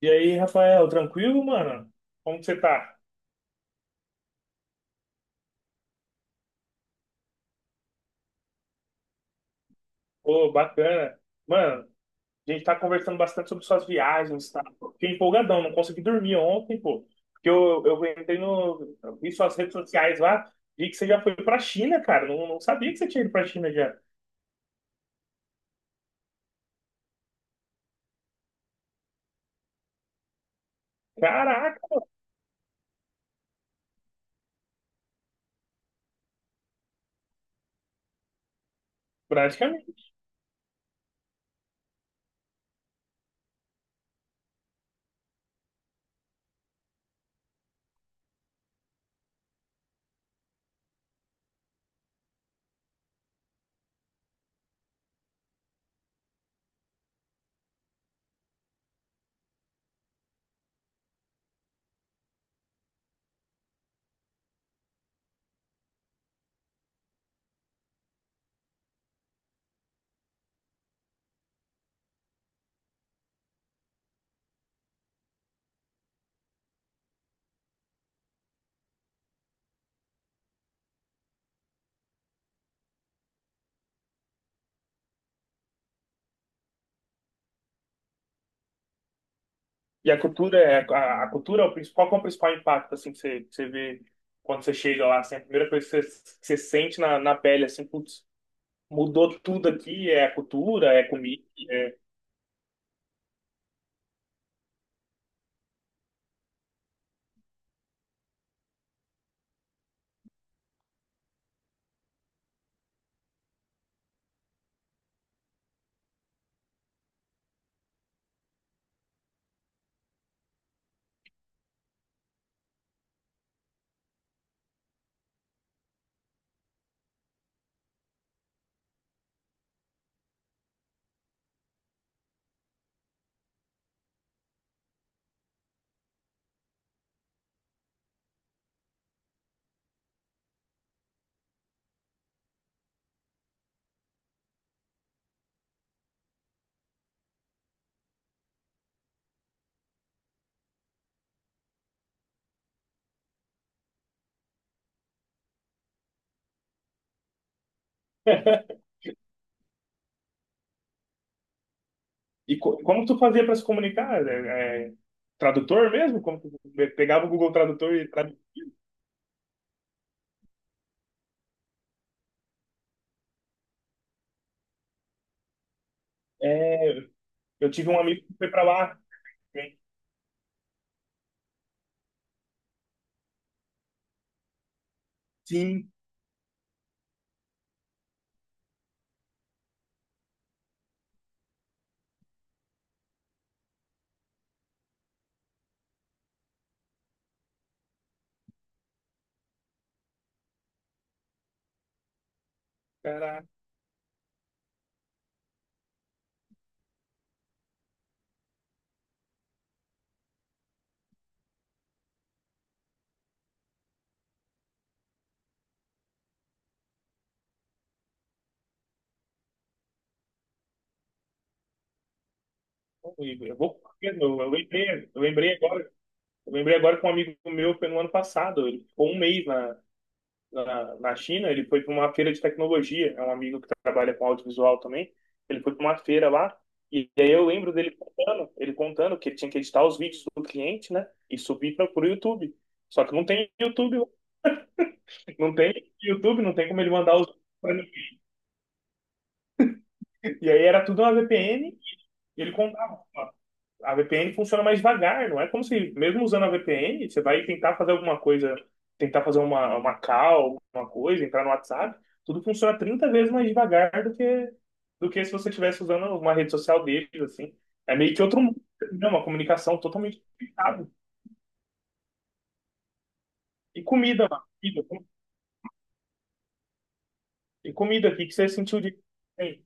E aí, Rafael, tranquilo, mano? Como que você tá? Ô, bacana. Mano, a gente tá conversando bastante sobre suas viagens, tá? Fiquei empolgadão, não consegui dormir ontem, pô. Porque eu entrei no. eu Vi suas redes sociais lá, vi que você já foi pra China, cara. Não sabia que você tinha ido pra China já. Caraca, praticamente. E a cultura é. A cultura é o principal, qual que é o principal impacto, assim, que você vê quando você chega lá, assim? A primeira coisa que você sente na pele, assim, putz, mudou tudo aqui, é a cultura, é a comida. Como tu fazia para se comunicar? Tradutor mesmo? Como tu pegava o Google Tradutor e tradu... É, eu tive um amigo que foi para lá, né? Sim, caraca. Eu lembrei agora, eu lembrei agora que um amigo meu foi no ano passado. Ele ficou um mês na China, ele foi para uma feira de tecnologia. É um amigo que trabalha com audiovisual também. Ele foi para uma feira lá. E aí eu lembro dele contando, ele contando que ele tinha que editar os vídeos do cliente, né? E subir para o YouTube. Só que não tem YouTube, não tem YouTube, não tem como ele mandar os. E aí era tudo uma VPN, e ele contava. Ó, a VPN funciona mais devagar, não é como se, mesmo usando a VPN, você vai tentar fazer alguma coisa, tentar fazer uma call, alguma coisa, entrar no WhatsApp, tudo funciona 30 vezes mais devagar do que se você estivesse usando uma rede social deles, assim. É meio que outro mundo, né? Uma comunicação totalmente complicada. E comida, mano. Comida. E comida, o que que você sentiu de... Bem,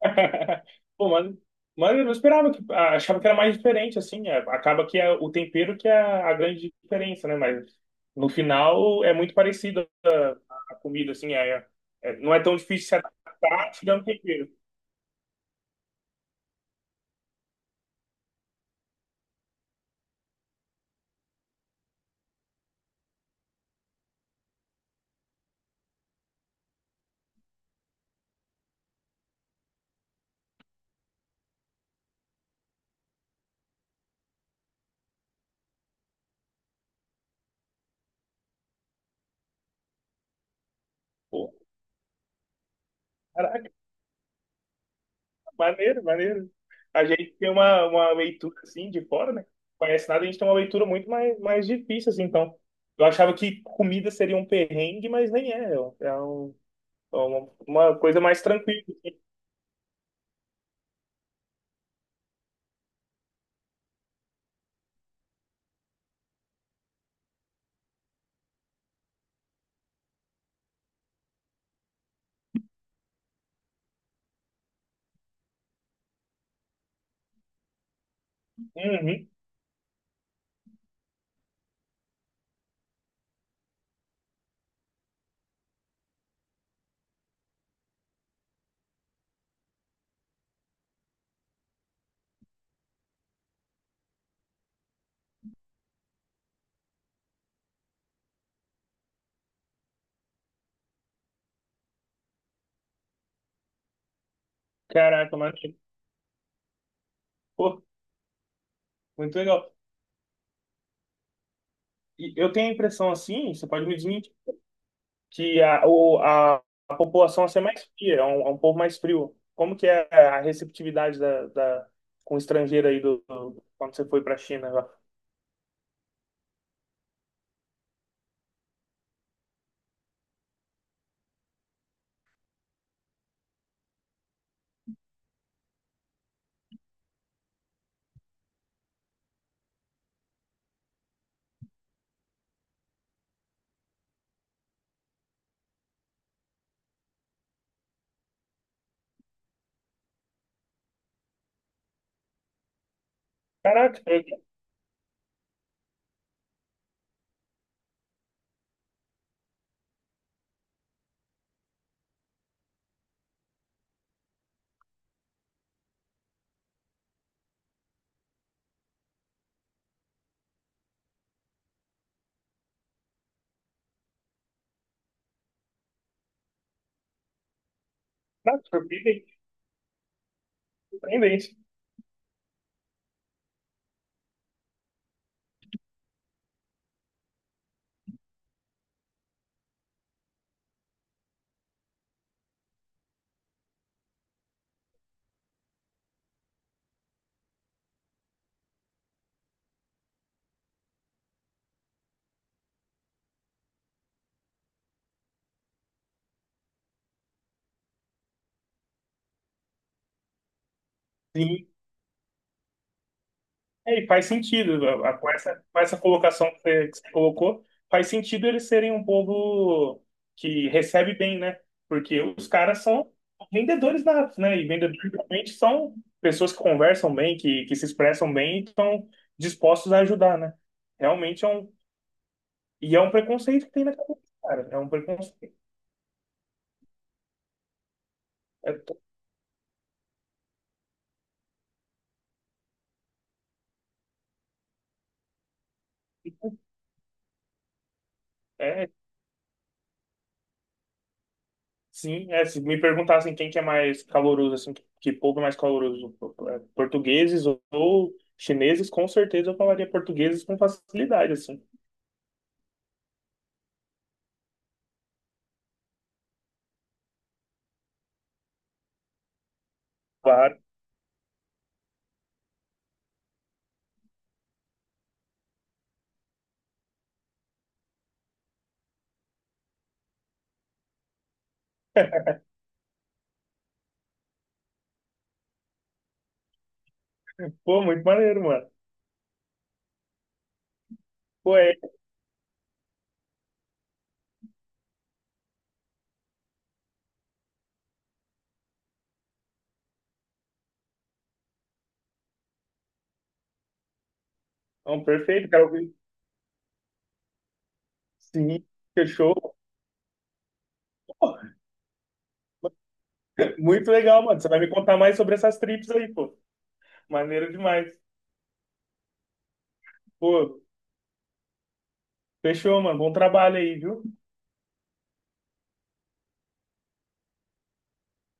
pô, mas eu não esperava que ah, achava que era mais diferente assim. É, acaba que é o tempero que é a grande diferença, né? Mas no final é muito parecido a comida assim, é, é- não é tão difícil se adaptar tirando tempero. Pô, caraca, maneiro, maneiro. A gente tem uma leitura assim de fora, né? Não conhece nada, a gente tem uma leitura muito mais, mais difícil assim, então. Eu achava que comida seria um perrengue, mas nem é. Uma coisa mais tranquila, assim. Uhum. Caraca, mano, pô, muito legal. E eu tenho a impressão assim, você pode me dizer, que a população assim, é mais fria, é um povo mais frio. Como que é a receptividade com o estrangeiro aí quando você foi pra China? Lá? Caraca, eu- Caraca, surpreendente, surpreendente. Sim, é, e faz sentido, com essa colocação que você colocou, faz sentido eles serem um povo que recebe bem, né? Porque os caras são vendedores natos, né? E vendedores realmente são pessoas que conversam bem, que se expressam bem e estão dispostos a ajudar, né? Realmente é um. E é um preconceito que tem na cabeça, cara. É um preconceito. É, é, Sim, é, se me perguntassem quem que é mais caloroso, assim, que povo é mais caloroso, é, portugueses ou chineses, com certeza eu falaria portugueses com facilidade, assim. Claro. Pô, muito maneiro, mano. Pô, é, então, perfeito, cara. Sim, fechou. Pô, muito legal, mano. Você vai me contar mais sobre essas trips aí, pô. Maneiro demais. Pô, fechou, mano. Bom trabalho aí, viu?